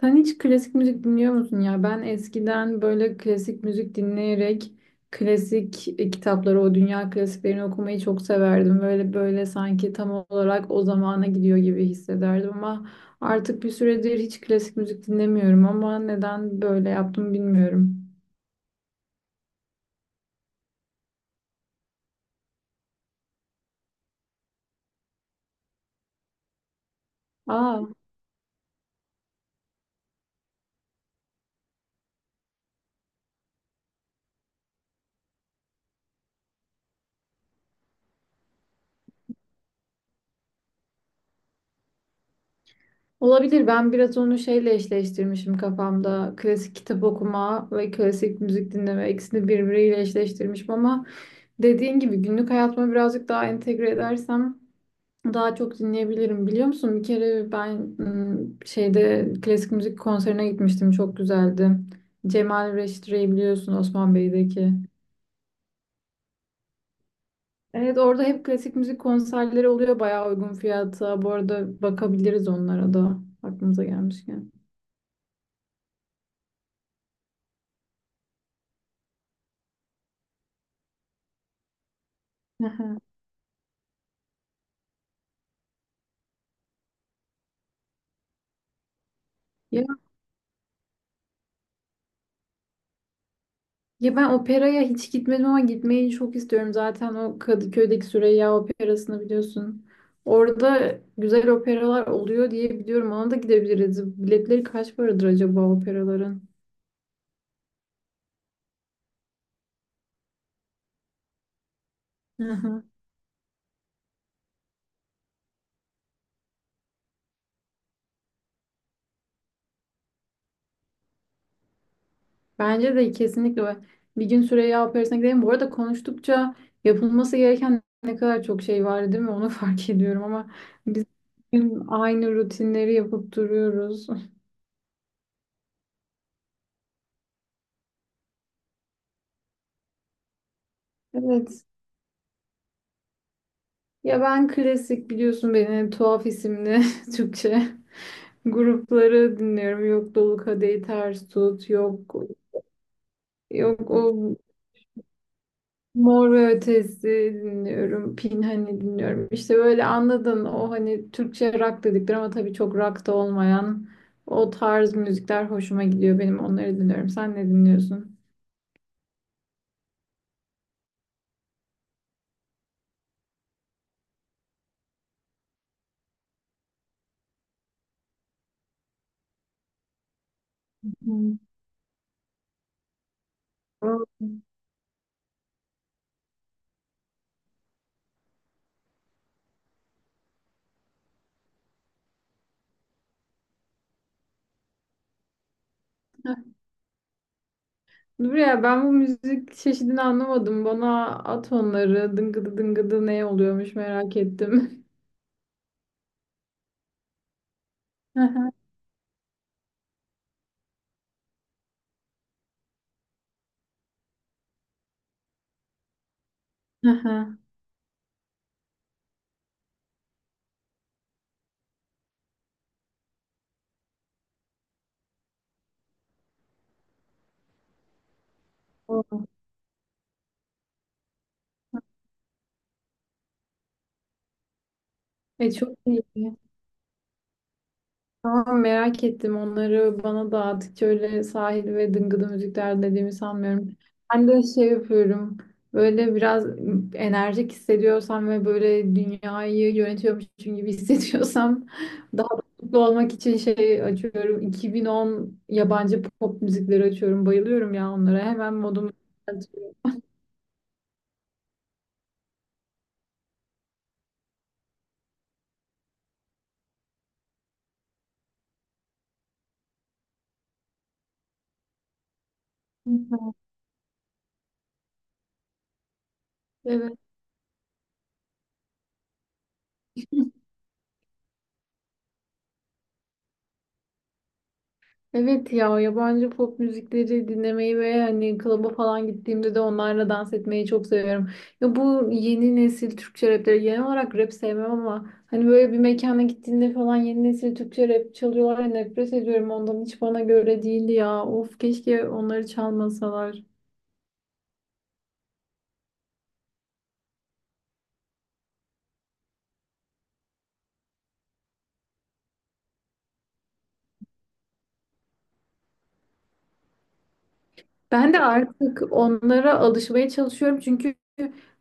Sen hiç klasik müzik dinliyor musun ya? Ben eskiden böyle klasik müzik dinleyerek klasik kitapları, o dünya klasiklerini okumayı çok severdim. Böyle böyle sanki tam olarak o zamana gidiyor gibi hissederdim ama artık bir süredir hiç klasik müzik dinlemiyorum ama neden böyle yaptım bilmiyorum. Aa, olabilir. Ben biraz onu şeyle eşleştirmişim kafamda. Klasik kitap okuma ve klasik müzik dinleme ikisini birbiriyle eşleştirmişim ama dediğin gibi günlük hayatıma birazcık daha entegre edersem daha çok dinleyebilirim. Biliyor musun? Bir kere ben şeyde klasik müzik konserine gitmiştim. Çok güzeldi. Cemal Reşitre'yi biliyorsun Osman Bey'deki. Evet, orada hep klasik müzik konserleri oluyor bayağı uygun fiyata. Bu arada bakabiliriz onlara da aklımıza gelmişken. Aha. Ya ben operaya hiç gitmedim ama gitmeyi çok istiyorum. Zaten o Kadıköy'deki Süreyya Operası'nı biliyorsun. Orada güzel operalar oluyor diye biliyorum. Ona da gidebiliriz. Biletleri kaç paradır acaba operaların? Hı hı. Bence de kesinlikle bir gün Süreyya Operası'na gidelim. Bu arada konuştukça yapılması gereken ne kadar çok şey var değil mi? Onu fark ediyorum ama biz bugün aynı rutinleri yapıp duruyoruz. Evet. Ya ben klasik biliyorsun beni tuhaf isimli Türkçe grupları dinliyorum. Yok Dolu Kadehi Ters Tut, yok o Mor ve Ötesi dinliyorum. Pinhani dinliyorum. İşte böyle anladın o hani Türkçe rock dedikleri ama tabii çok rock da olmayan o tarz müzikler hoşuma gidiyor benim. Onları dinliyorum. Sen ne dinliyorsun? Hmm. Heh, dur ya ben bu müzik çeşidini anlamadım. Bana at onları. Dıngıdı dıngıdı ne oluyormuş merak ettim. Aha. Aha. O. E çok iyi. Tamam, merak ettim onları bana dağıttıkça öyle sahil ve dıngıdı müzikler dediğimi sanmıyorum. Ben de şey yapıyorum, böyle biraz enerjik hissediyorsam ve böyle dünyayı yönetiyormuşum gibi hissediyorsam daha da mutlu olmak için şey açıyorum. 2010 yabancı pop müzikleri açıyorum, bayılıyorum ya onlara, hemen modumu düzeltiyorum. Evet. Evet ya, yabancı pop müzikleri dinlemeyi ve hani klaba falan gittiğimde de onlarla dans etmeyi çok seviyorum. Ya bu yeni nesil Türkçe rapleri, genel olarak rap sevmem ama hani böyle bir mekana gittiğinde falan yeni nesil Türkçe rap çalıyorlar ya, nefret ediyorum ondan, hiç bana göre değildi ya. Of, keşke onları çalmasalar. Ben de artık onlara alışmaya çalışıyorum çünkü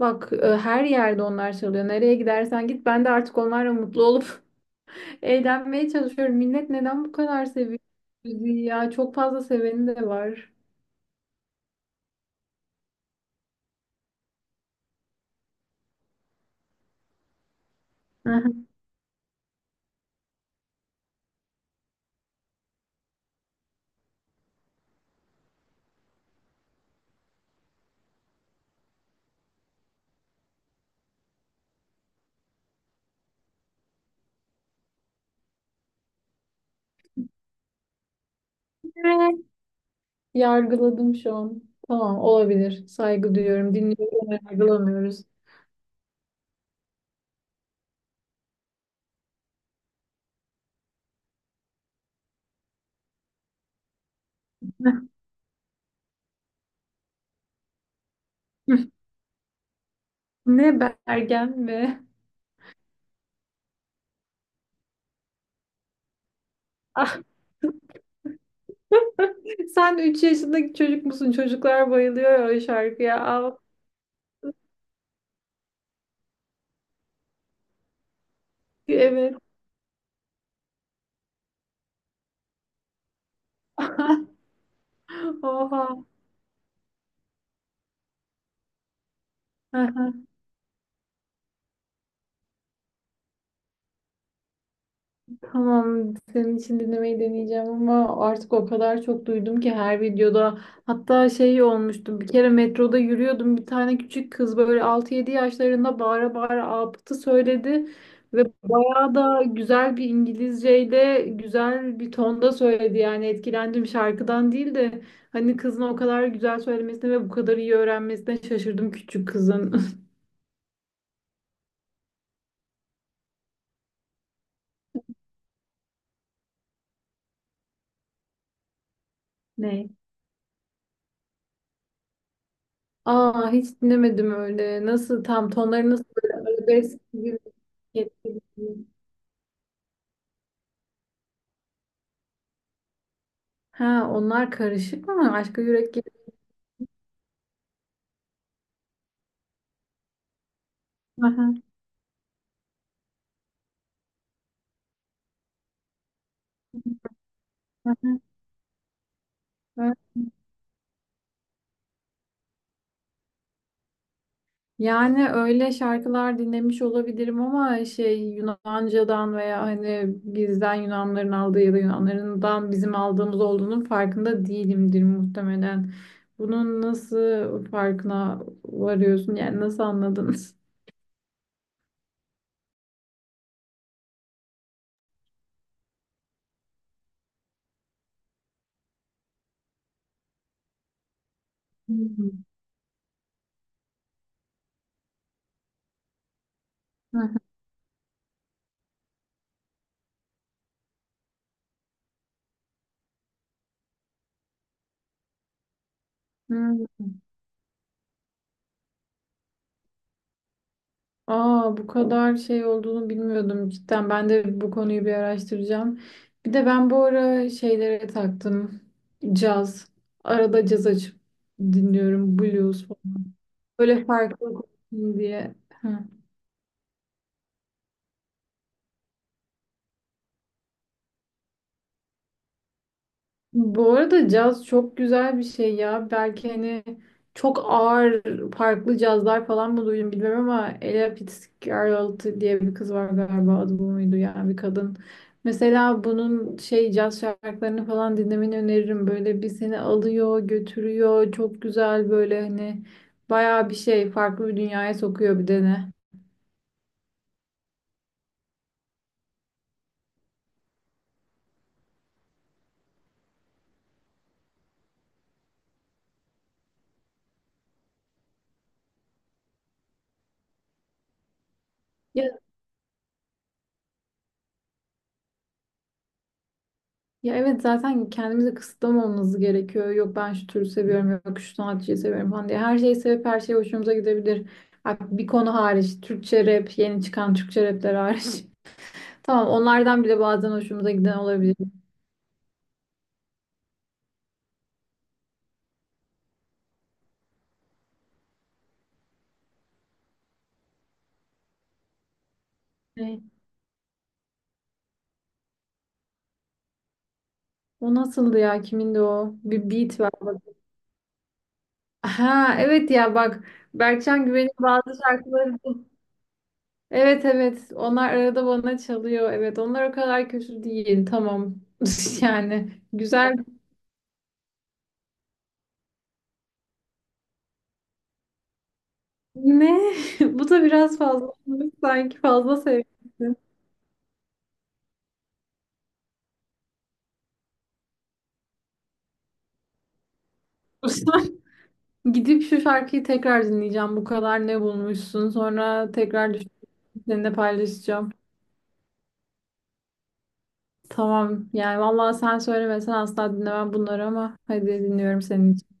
bak her yerde onlar çalıyor. Nereye gidersen git, ben de artık onlarla mutlu olup eğlenmeye çalışıyorum. Millet neden bu kadar seviyor müziği ya? Çok fazla seveni de var. Aha. Evet. Yargıladım şu an. Tamam, olabilir. Saygı duyuyorum. Dinliyorum, yargılamıyoruz. Ne, Bergen mi? Ah, sen 3 yaşındaki çocuk musun? Çocuklar bayılıyor ya o şarkıya. Al. Evet. Oha. Tamam, senin için dinlemeyi deneyeceğim ama artık o kadar çok duydum ki her videoda. Hatta şey olmuştu, bir kere metroda yürüyordum. Bir tane küçük kız, böyle altı yedi yaşlarında, bağıra bağıra Apıt'ı söyledi. Ve bayağı da güzel bir İngilizceyle, güzel bir tonda söyledi. Yani etkilendim, şarkıdan değil de hani kızın o kadar güzel söylemesine ve bu kadar iyi öğrenmesine şaşırdım küçük kızın. Ne? Aa, hiç dinlemedim öyle. Nasıl tam, tonları nasıl, böyle arabesk gibi etkili. Ha, onlar karışık mı? Aşka Yürek gibi. Aha, aha, aha. Yani öyle şarkılar dinlemiş olabilirim ama şey, Yunanca'dan veya hani bizden Yunanların aldığı ya da Yunanlarından bizim aldığımız olduğunun farkında değilimdir muhtemelen. Bunun nasıl farkına varıyorsun? Yani nasıl anladın? Hmm. Aa, bu kadar şey olduğunu bilmiyordum cidden. Ben de bu konuyu bir araştıracağım. Bir de ben bu ara şeylere taktım. Caz. Arada caz açıp dinliyorum. Blues falan. Böyle farklı olsun diye. Hı. Bu arada caz çok güzel bir şey ya. Belki hani çok ağır farklı cazlar falan mı duydum bilmiyorum ama Ella Fitzgerald diye bir kız var, galiba adı bu muydu, yani bir kadın. Mesela bunun şey caz şarkılarını falan dinlemeni öneririm. Böyle bir seni alıyor, götürüyor. Çok güzel, böyle hani bayağı bir şey, farklı bir dünyaya sokuyor bir de ne. Ya Ya evet, zaten kendimizi kısıtlamamamız gerekiyor. Yok ben şu türü seviyorum, yok şu sanatçıyı seviyorum falan diye. Her şeyi sevip her şey hoşumuza gidebilir. Ha, bir konu hariç, Türkçe rap, yeni çıkan Türkçe rapler hariç. Tamam, onlardan bile bazen hoşumuza giden olabilir. Ne? O nasıldı ya? Kimindi o? Bir beat var. Bak. Ha evet ya, bak, Berkcan Güven'in bazı şarkıları. Evet evet, onlar arada bana çalıyor. Evet onlar o kadar kötü değil. Tamam, yani güzel. Ne? Bu da biraz fazla olmuş. Sanki fazla sevmişsin. Gidip şu şarkıyı tekrar dinleyeceğim. Bu kadar ne bulmuşsun? Sonra tekrar düşünüp seninle paylaşacağım. Tamam. Yani vallahi sen söylemesen asla dinlemem bunları ama hadi, dinliyorum senin için.